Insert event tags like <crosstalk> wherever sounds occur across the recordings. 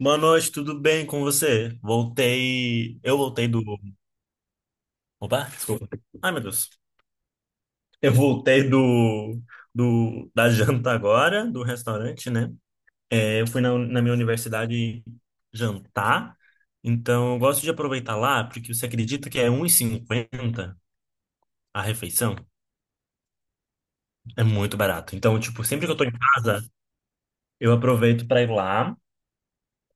Boa noite, tudo bem com você? Voltei. Eu voltei do. Opa, desculpa. Ai, meu Deus. Eu voltei do da janta agora, do restaurante, né? É, eu fui na minha universidade jantar, então eu gosto de aproveitar lá, porque você acredita que é 1,50 a refeição? É muito barato. Então, tipo, sempre que eu tô em casa, eu aproveito para ir lá.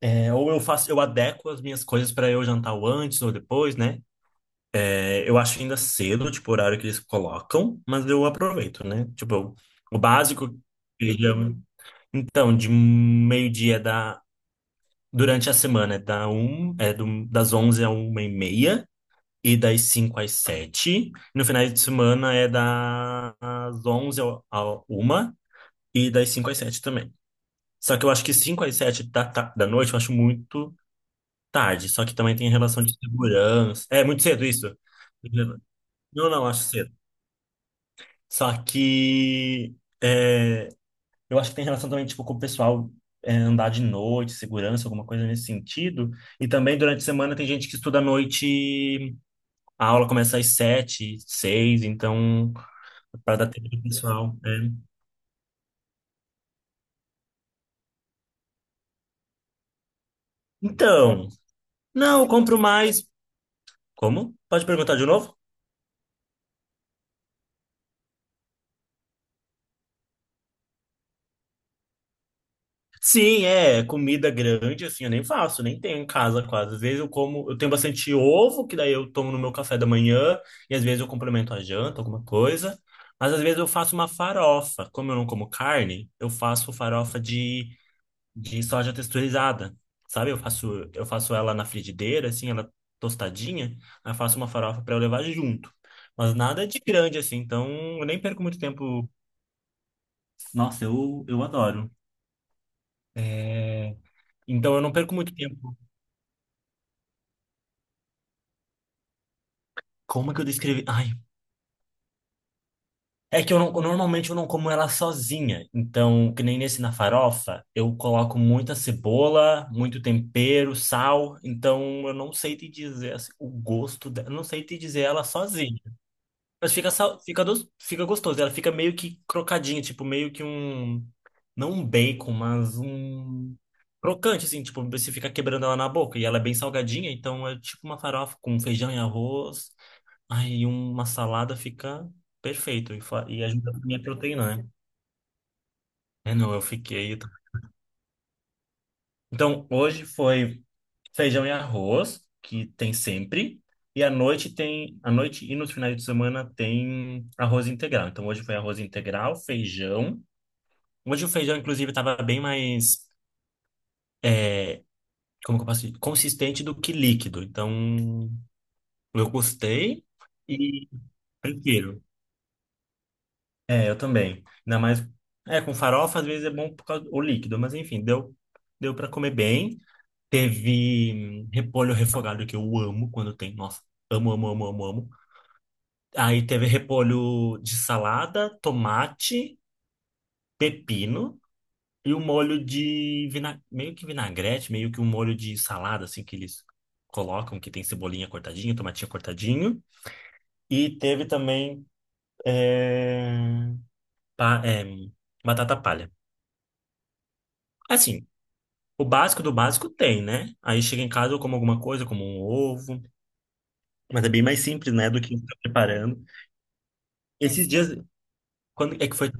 É, ou eu faço, eu adequo as minhas coisas para eu jantar o antes ou depois, né? É, eu acho ainda cedo, tipo, o horário que eles colocam, mas eu aproveito, né? Tipo, o básico seja. Então, de meio-dia da. Durante a semana é, da um, é do, das 11 a uma e meia e das 5 às sete. No final de semana é das 11 à 1 e das 5 às 7 também. Só que eu acho que 5 às 7 da noite eu acho muito tarde. Só que também tem relação de segurança. É muito cedo isso? Não, não, acho cedo. Só que é, eu acho que tem relação também, tipo, com o pessoal andar de noite, segurança, alguma coisa nesse sentido. E também durante a semana tem gente que estuda à noite, a aula começa às sete, seis, então, para dar tempo do pessoal. É. Então, não, eu compro mais. Como? Pode perguntar de novo? Sim, é comida grande, assim, eu nem faço, nem tenho em casa quase. Às vezes eu como, eu tenho bastante ovo, que daí eu tomo no meu café da manhã, e às vezes eu complemento a janta, alguma coisa. Mas às vezes eu faço uma farofa. Como eu não como carne, eu faço farofa de soja texturizada. Sabe? Eu faço ela na frigideira, assim, ela tostadinha, aí eu faço uma farofa para eu levar junto. Mas nada de grande, assim, então eu nem perco muito tempo. Nossa, eu adoro. É... Então eu não perco muito tempo. Como é que eu descrevi? Ai, é que eu não, normalmente eu não como ela sozinha. Então, que nem nesse na farofa, eu coloco muita cebola, muito tempero, sal. Então, eu não sei te dizer assim, o gosto dela. Eu não sei te dizer ela sozinha. Mas fica, fica gostoso. Ela fica meio que crocadinha, tipo, meio que um. Não um bacon, mas um. Crocante, assim, tipo, você fica quebrando ela na boca. E ela é bem salgadinha, então é tipo uma farofa com feijão e arroz. Ai, e uma salada fica perfeito e, e ajuda a minha proteína, né? É, não, eu fiquei. Então, hoje foi feijão e arroz, que tem sempre. E à noite tem, à noite e nos finais de semana tem arroz integral. Então, hoje foi arroz integral, feijão. Hoje o feijão, inclusive, estava bem mais, como que eu posso dizer? Consistente do que líquido. Então, eu gostei e prefiro. É, eu também. Ainda mais. É, com farofa às vezes é bom por causa do líquido, mas enfim, deu, deu para comer bem. Teve repolho refogado que eu amo quando tem. Nossa, amo, amo, amo, amo, amo. Aí teve repolho de salada, tomate, pepino e um molho de meio que vinagrete, meio que um molho de salada, assim, que eles colocam, que tem cebolinha cortadinha, tomatinho cortadinho. E teve também é, pa- é, batata palha. Assim. O básico do básico tem, né? Aí chega em casa, eu como alguma coisa, como um ovo. Mas é bem mais simples, né, do que ficar preparando. Esses dias, quando é que foi?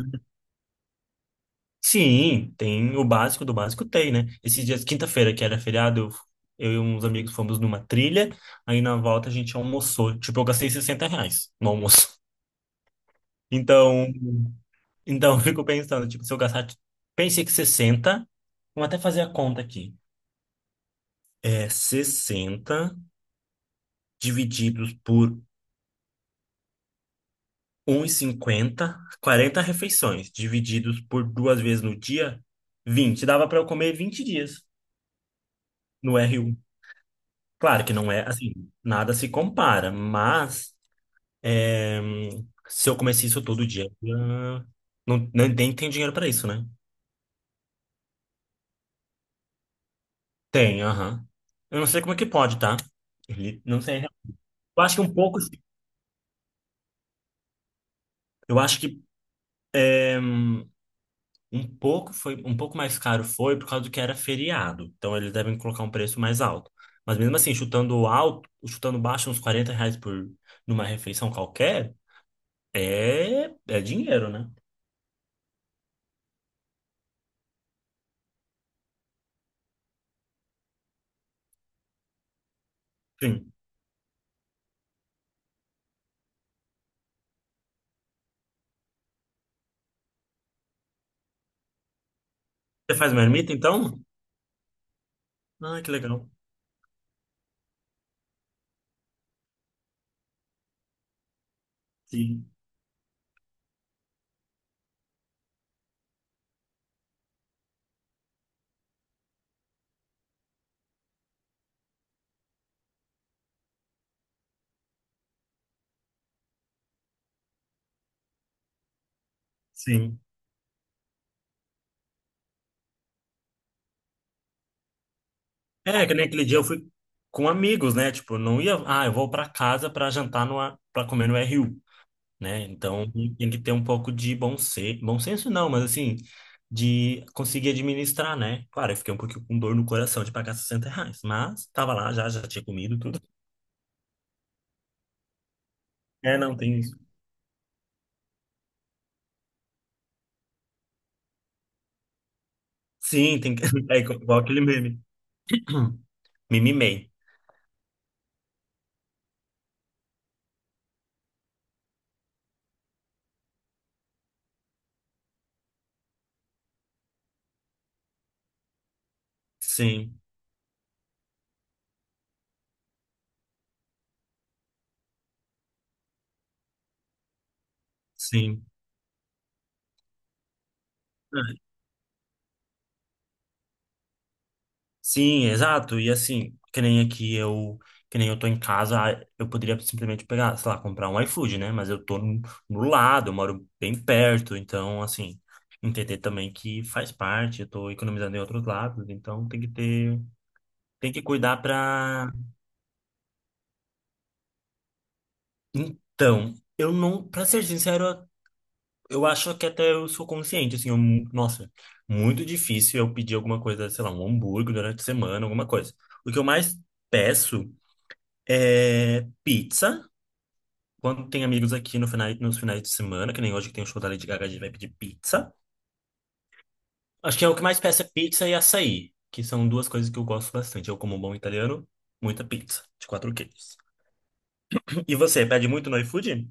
Sim, tem o básico do básico tem, né? Esses dias, quinta-feira, que era feriado, eu e uns amigos fomos numa trilha. Aí na volta a gente almoçou. Tipo, eu gastei R$ 60 no almoço. Então, então, <laughs> eu fico pensando, tipo, se eu gastar... tipo, pensei que sessenta, vamos até fazer a conta aqui. É 60 divididos por 1,50, 40 refeições, divididos por duas vezes no dia, vinte. Dava para eu comer 20 dias no R1. Claro que não é assim, nada se compara, mas é, se eu comesse isso todo dia, ah, não, nem tem dinheiro para isso, né? Tem, aham. Eu não sei como é que pode, tá? Não sei. Eu acho que um pouco. Eu acho que. eh, Um pouco foi, um pouco mais caro foi por causa do que era feriado. Então eles devem colocar um preço mais alto. Mas mesmo assim, chutando alto, chutando baixo, uns R$ 40 por, numa refeição qualquer, é, é dinheiro, né? Sim. Você faz marmita, então? Ah, que legal. Sim, sim. É, que nem aquele dia eu fui com amigos, né? Tipo, não ia, ah, eu vou pra casa pra jantar no, a para comer no RU. Né? Então tem que ter um pouco de bom senso não, mas assim, de conseguir administrar, né? Claro, eu fiquei um pouquinho com dor no coração de pagar R$ 60, mas tava lá já, já tinha comido tudo. É, não, tem isso. Sim, tem que... <laughs> É igual aquele meme. <clears throat> Me mimei. Sim, sim. É. Sim, exato. E assim, que nem aqui eu, que nem eu tô em casa, ah, eu poderia simplesmente pegar, sei lá, comprar um iFood, né? Mas eu tô no, no lado, eu moro bem perto, então assim, entender também que faz parte, eu tô economizando em outros lados, então tem que ter, tem que cuidar pra... Então, eu não, pra ser sincero, eu acho que até eu sou consciente, assim, eu, nossa, muito difícil eu pedir alguma coisa, sei lá, um hambúrguer durante a semana, alguma coisa. O que eu mais peço é pizza. Quando tem amigos aqui no final, nos finais de semana, que nem hoje que tem o show da Lady Gaga, a gente vai pedir pizza. Acho que é o que mais peço é pizza e açaí, que são duas coisas que eu gosto bastante. Eu, como um bom italiano, muita pizza, de quatro queijos. E você, pede muito no iFood?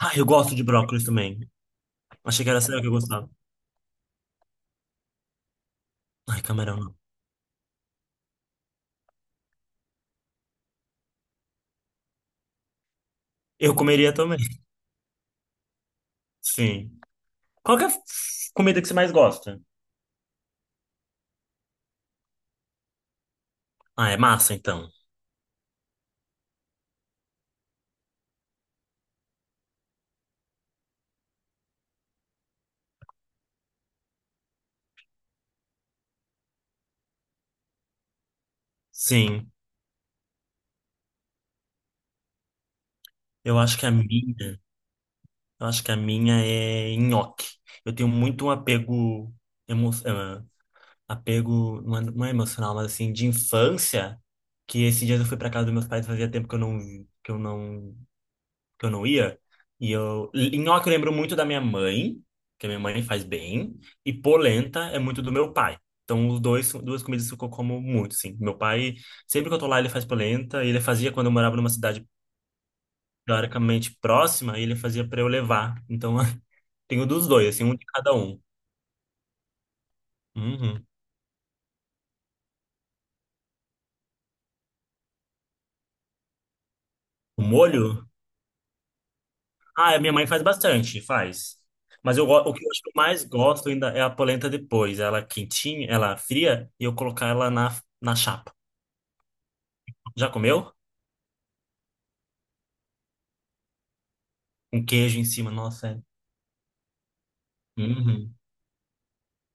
Ah, eu gosto de brócolis também. Achei que era sério que eu gostava. Ai, camarão não. Eu comeria também. Sim. Qual que é a comida que você mais gosta? Ah, é massa, então. Sim. Eu acho que a minha. Eu acho que a minha é nhoque. Eu tenho muito um apego, emo... ah, apego não é emocional, mas assim, de infância, que esses dias eu fui pra casa dos meus pais, fazia tempo que eu não, que eu não ia. E eu, nhoque eu lembro muito da minha mãe, que a minha mãe faz bem, e polenta é muito do meu pai. Então, os dois, duas comidas que eu como muito, sim. Meu pai, sempre que eu tô lá, ele faz polenta, e ele fazia quando eu morava numa cidade teoricamente próxima, e ele fazia pra eu levar. Então, tenho dos dois, assim, um de cada um. Uhum. O molho? Ah, a minha mãe faz bastante, faz. Mas eu, o que eu acho que eu mais gosto ainda é a polenta depois. Ela quentinha, ela fria, e eu colocar ela na, na chapa. Já comeu? Um queijo em cima, nossa. É, uhum.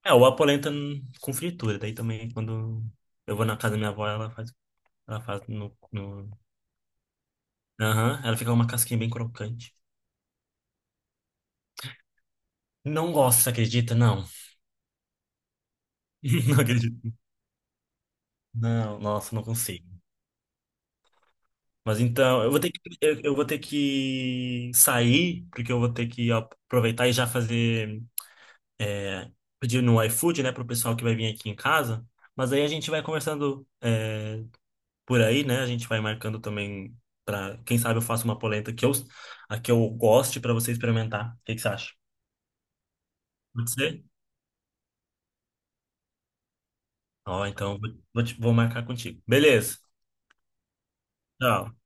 É, ou a polenta com fritura. Daí também, quando eu vou na casa da minha avó, ela faz no... no... Aham, ela fica uma casquinha bem crocante. Não gosto, você acredita? Não. <laughs> Não acredito. Não, nossa, não consigo. Mas então, eu vou ter que, eu vou ter que sair, porque eu vou ter que aproveitar e já fazer, é, pedir no iFood, né, pro pessoal que vai vir aqui em casa. Mas aí a gente vai conversando, é, por aí, né? A gente vai marcando também para, quem sabe eu faço uma polenta que eu, a que eu goste para você experimentar. O que que você acha? Pode ser? Ó, então vou marcar contigo. Beleza. Tchau.